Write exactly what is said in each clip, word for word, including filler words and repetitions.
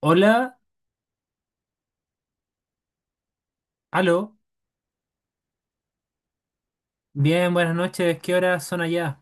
Hola, aló, bien, buenas noches, ¿qué horas son allá?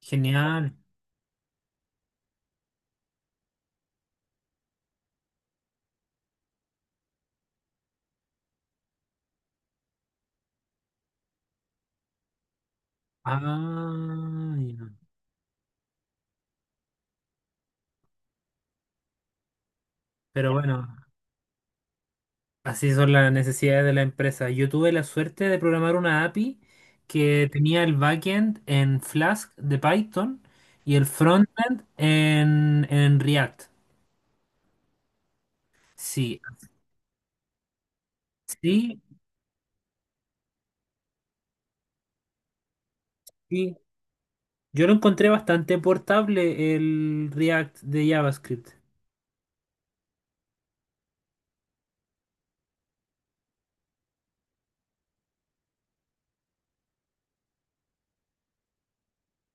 Genial. Ah, ya. Pero bueno, así son las necesidades de la empresa. Yo tuve la suerte de programar una A P I que tenía el backend en Flask de Python y el frontend en, en React. Sí, sí, sí. Yo lo encontré bastante portable el React de JavaScript.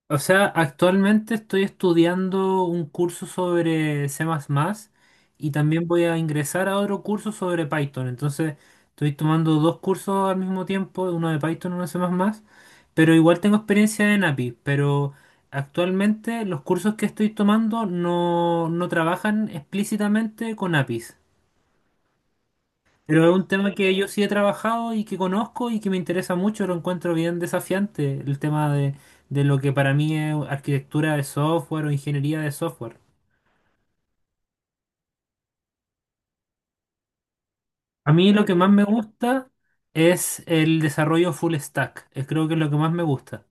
O sea, actualmente estoy estudiando un curso sobre C++ y también voy a ingresar a otro curso sobre Python. Entonces, estoy tomando dos cursos al mismo tiempo, uno de Python y uno de C++, pero igual tengo experiencia en A P I, pero actualmente los cursos que estoy tomando no, no trabajan explícitamente con A P Is. Pero es un tema que yo sí he trabajado y que conozco y que me interesa mucho, lo encuentro bien desafiante, el tema de, de lo que para mí es arquitectura de software o ingeniería de software. A mí lo que más me gusta es el desarrollo full stack, eh, creo que es lo que más me gusta.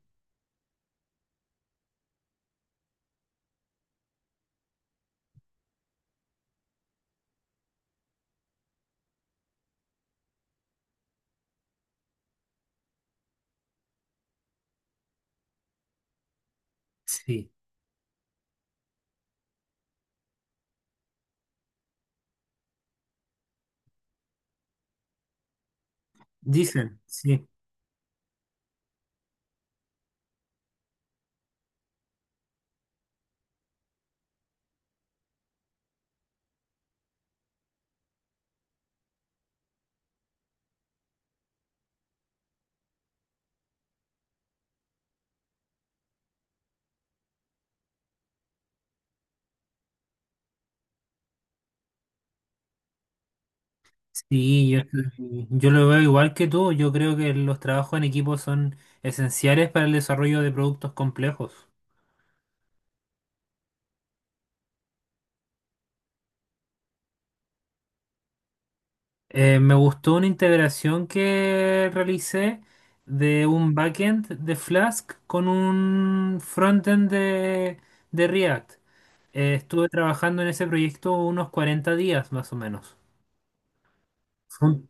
Sí, dicen, sí, sí, yo, yo lo veo igual que tú, yo creo que los trabajos en equipo son esenciales para el desarrollo de productos complejos. Eh, me gustó una integración que realicé de un backend de Flask con un frontend de, de React. Eh, estuve trabajando en ese proyecto unos cuarenta días más o menos. Fue un-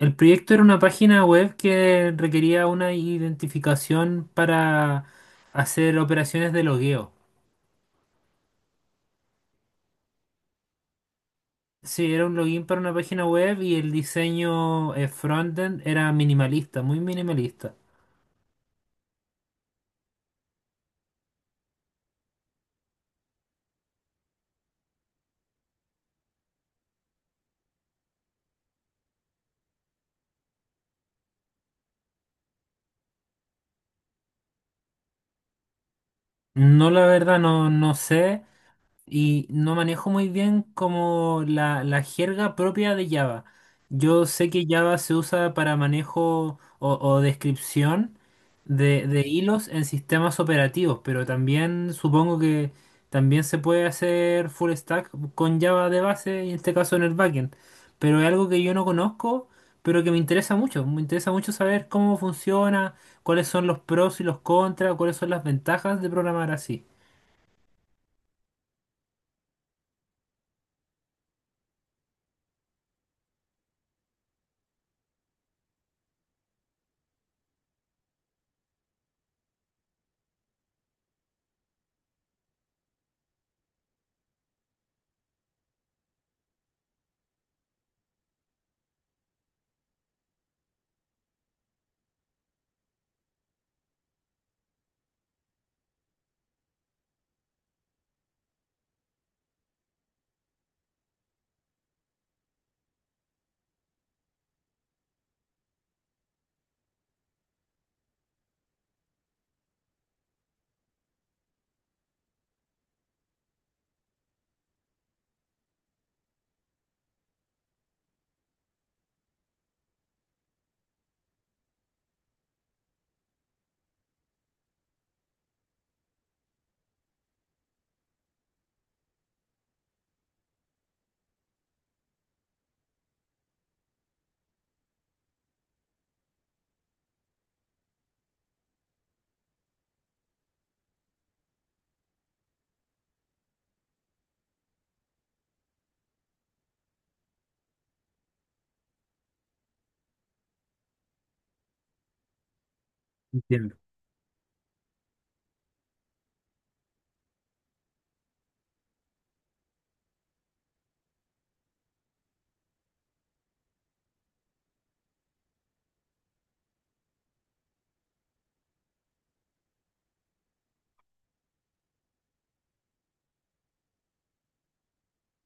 El proyecto era una página web que requería una identificación para hacer operaciones de logueo. Sí, era un login para una página web y el diseño eh, frontend era minimalista, muy minimalista. No, la verdad, no, no sé. Y no manejo muy bien como la, la jerga propia de Java. Yo sé que Java se usa para manejo o, o descripción de, de hilos en sistemas operativos, pero también supongo que también se puede hacer full stack con Java de base, y en este caso en el backend. Pero es algo que yo no conozco, pero que me interesa mucho. Me interesa mucho saber cómo funciona, cuáles son los pros y los contras, cuáles son las ventajas de programar así. Entiendo.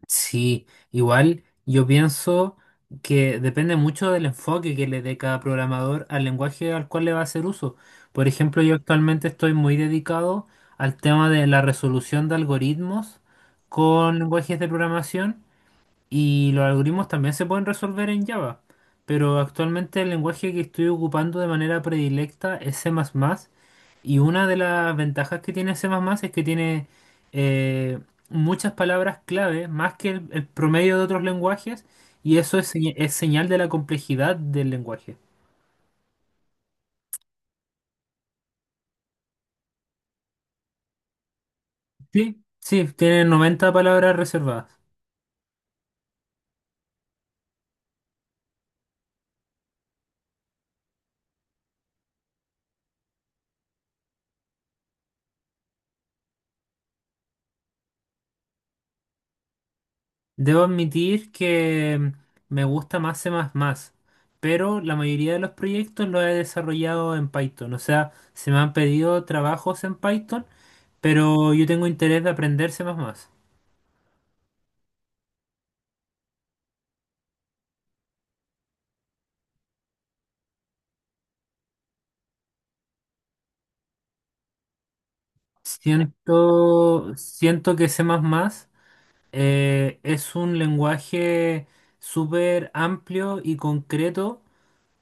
Sí, igual yo pienso que depende mucho del enfoque que le dé cada programador al lenguaje al cual le va a hacer uso. Por ejemplo, yo actualmente estoy muy dedicado al tema de la resolución de algoritmos con lenguajes de programación y los algoritmos también se pueden resolver en Java, pero actualmente el lenguaje que estoy ocupando de manera predilecta es C++, y una de las ventajas que tiene C++ es que tiene eh, muchas palabras clave, más que el, el promedio de otros lenguajes, y eso es, señ- es señal de la complejidad del lenguaje. Sí, sí, tiene noventa palabras reservadas. Debo admitir que me gusta más C++, pero la mayoría de los proyectos los he desarrollado en Python. O sea, se me han pedido trabajos en Python, pero yo tengo interés de aprender C++. Siento, siento que C++ eh, es un lenguaje súper amplio y concreto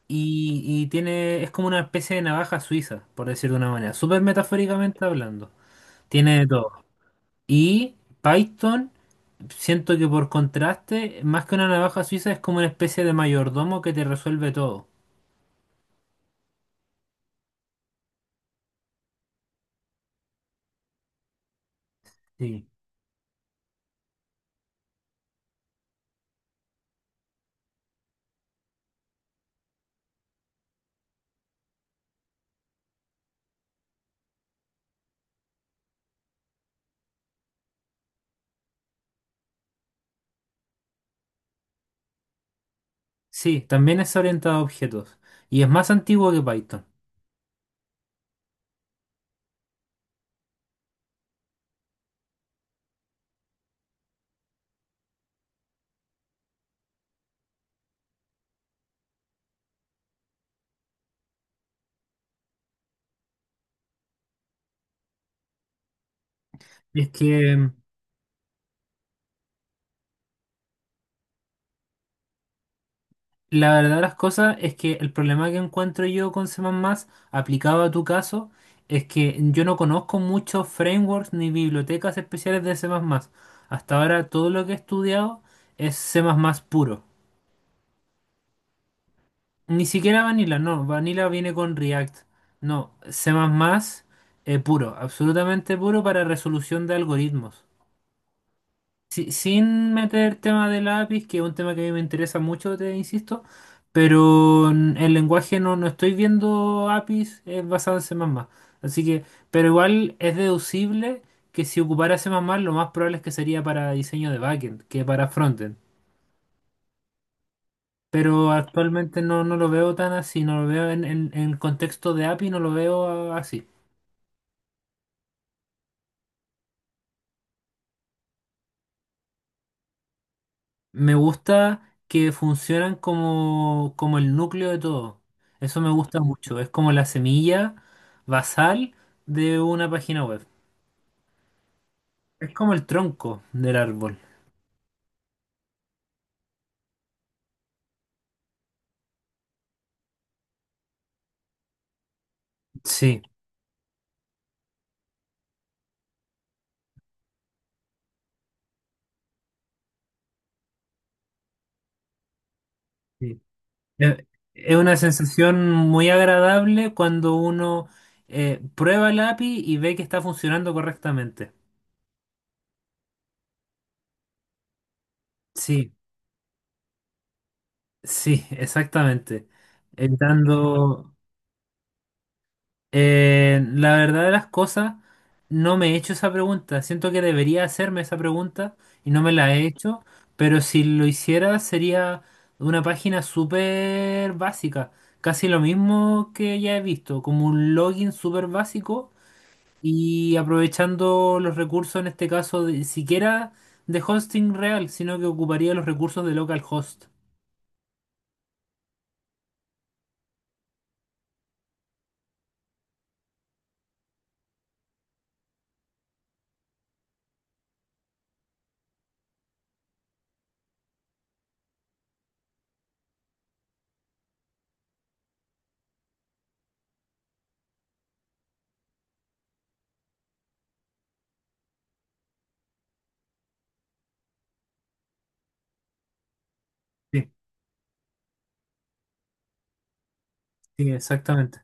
y, y tiene, es como una especie de navaja suiza, por decir de una manera, súper metafóricamente hablando. Tiene de todo. Y Python, siento que por contraste, más que una navaja suiza, es como una especie de mayordomo que te resuelve todo. Sí. Sí, también es orientado a objetos y es más antiguo que Python. Es que... La verdad de las cosas es que el problema que encuentro yo con C++ aplicado a tu caso es que yo no conozco muchos frameworks ni bibliotecas especiales de C++. Hasta ahora todo lo que he estudiado es C++ puro. Ni siquiera Vanilla, no. Vanilla viene con React. No, C++ eh, puro, absolutamente puro para resolución de algoritmos. Sí, sin meter tema de lápiz, que es un tema que a mí me interesa mucho, te insisto, pero en el lenguaje no, no estoy viendo A P Is es basado en C++. Así que, pero igual es deducible que si ocupara C++, lo más probable es que sería para diseño de backend que para frontend. Pero actualmente no, no lo veo tan así, no lo veo en, en, en contexto de A P I, no lo veo ah, así. Me gusta que funcionan como, como el núcleo de todo. Eso me gusta mucho. Es como la semilla basal de una página web. Es como el tronco del árbol. Sí. Sí. Eh, Es una sensación muy agradable cuando uno eh, prueba el A P I y ve que está funcionando correctamente. Sí, sí, exactamente. Evitando, Eh, la verdad de las cosas, no me he hecho esa pregunta. Siento que debería hacerme esa pregunta y no me la he hecho, pero si lo hiciera sería una página súper básica, casi lo mismo que ya he visto, como un login súper básico y aprovechando los recursos, en este caso, de- siquiera de hosting real, sino que ocuparía los recursos de localhost. Sí, sí, exactamente.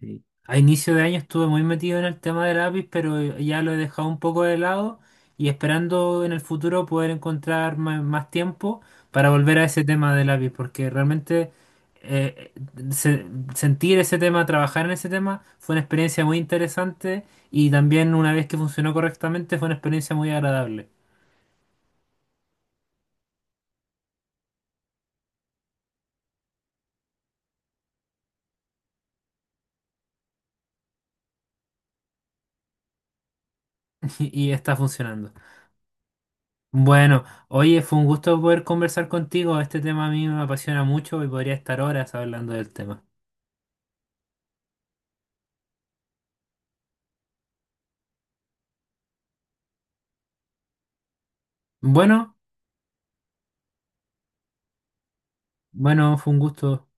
Sí. A inicio de año estuve muy metido en el tema del lápiz, pero ya lo he dejado un poco de lado y esperando en el futuro poder encontrar ma- más, tiempo para volver a ese tema del lápiz, porque realmente eh, se- sentir ese tema, trabajar en ese tema, fue una experiencia muy interesante y también una vez que funcionó correctamente fue una experiencia muy agradable y está funcionando. Bueno, oye, fue un gusto poder conversar contigo. Este tema a mí me apasiona mucho y podría estar horas hablando del tema. Bueno. Bueno, fue un gusto.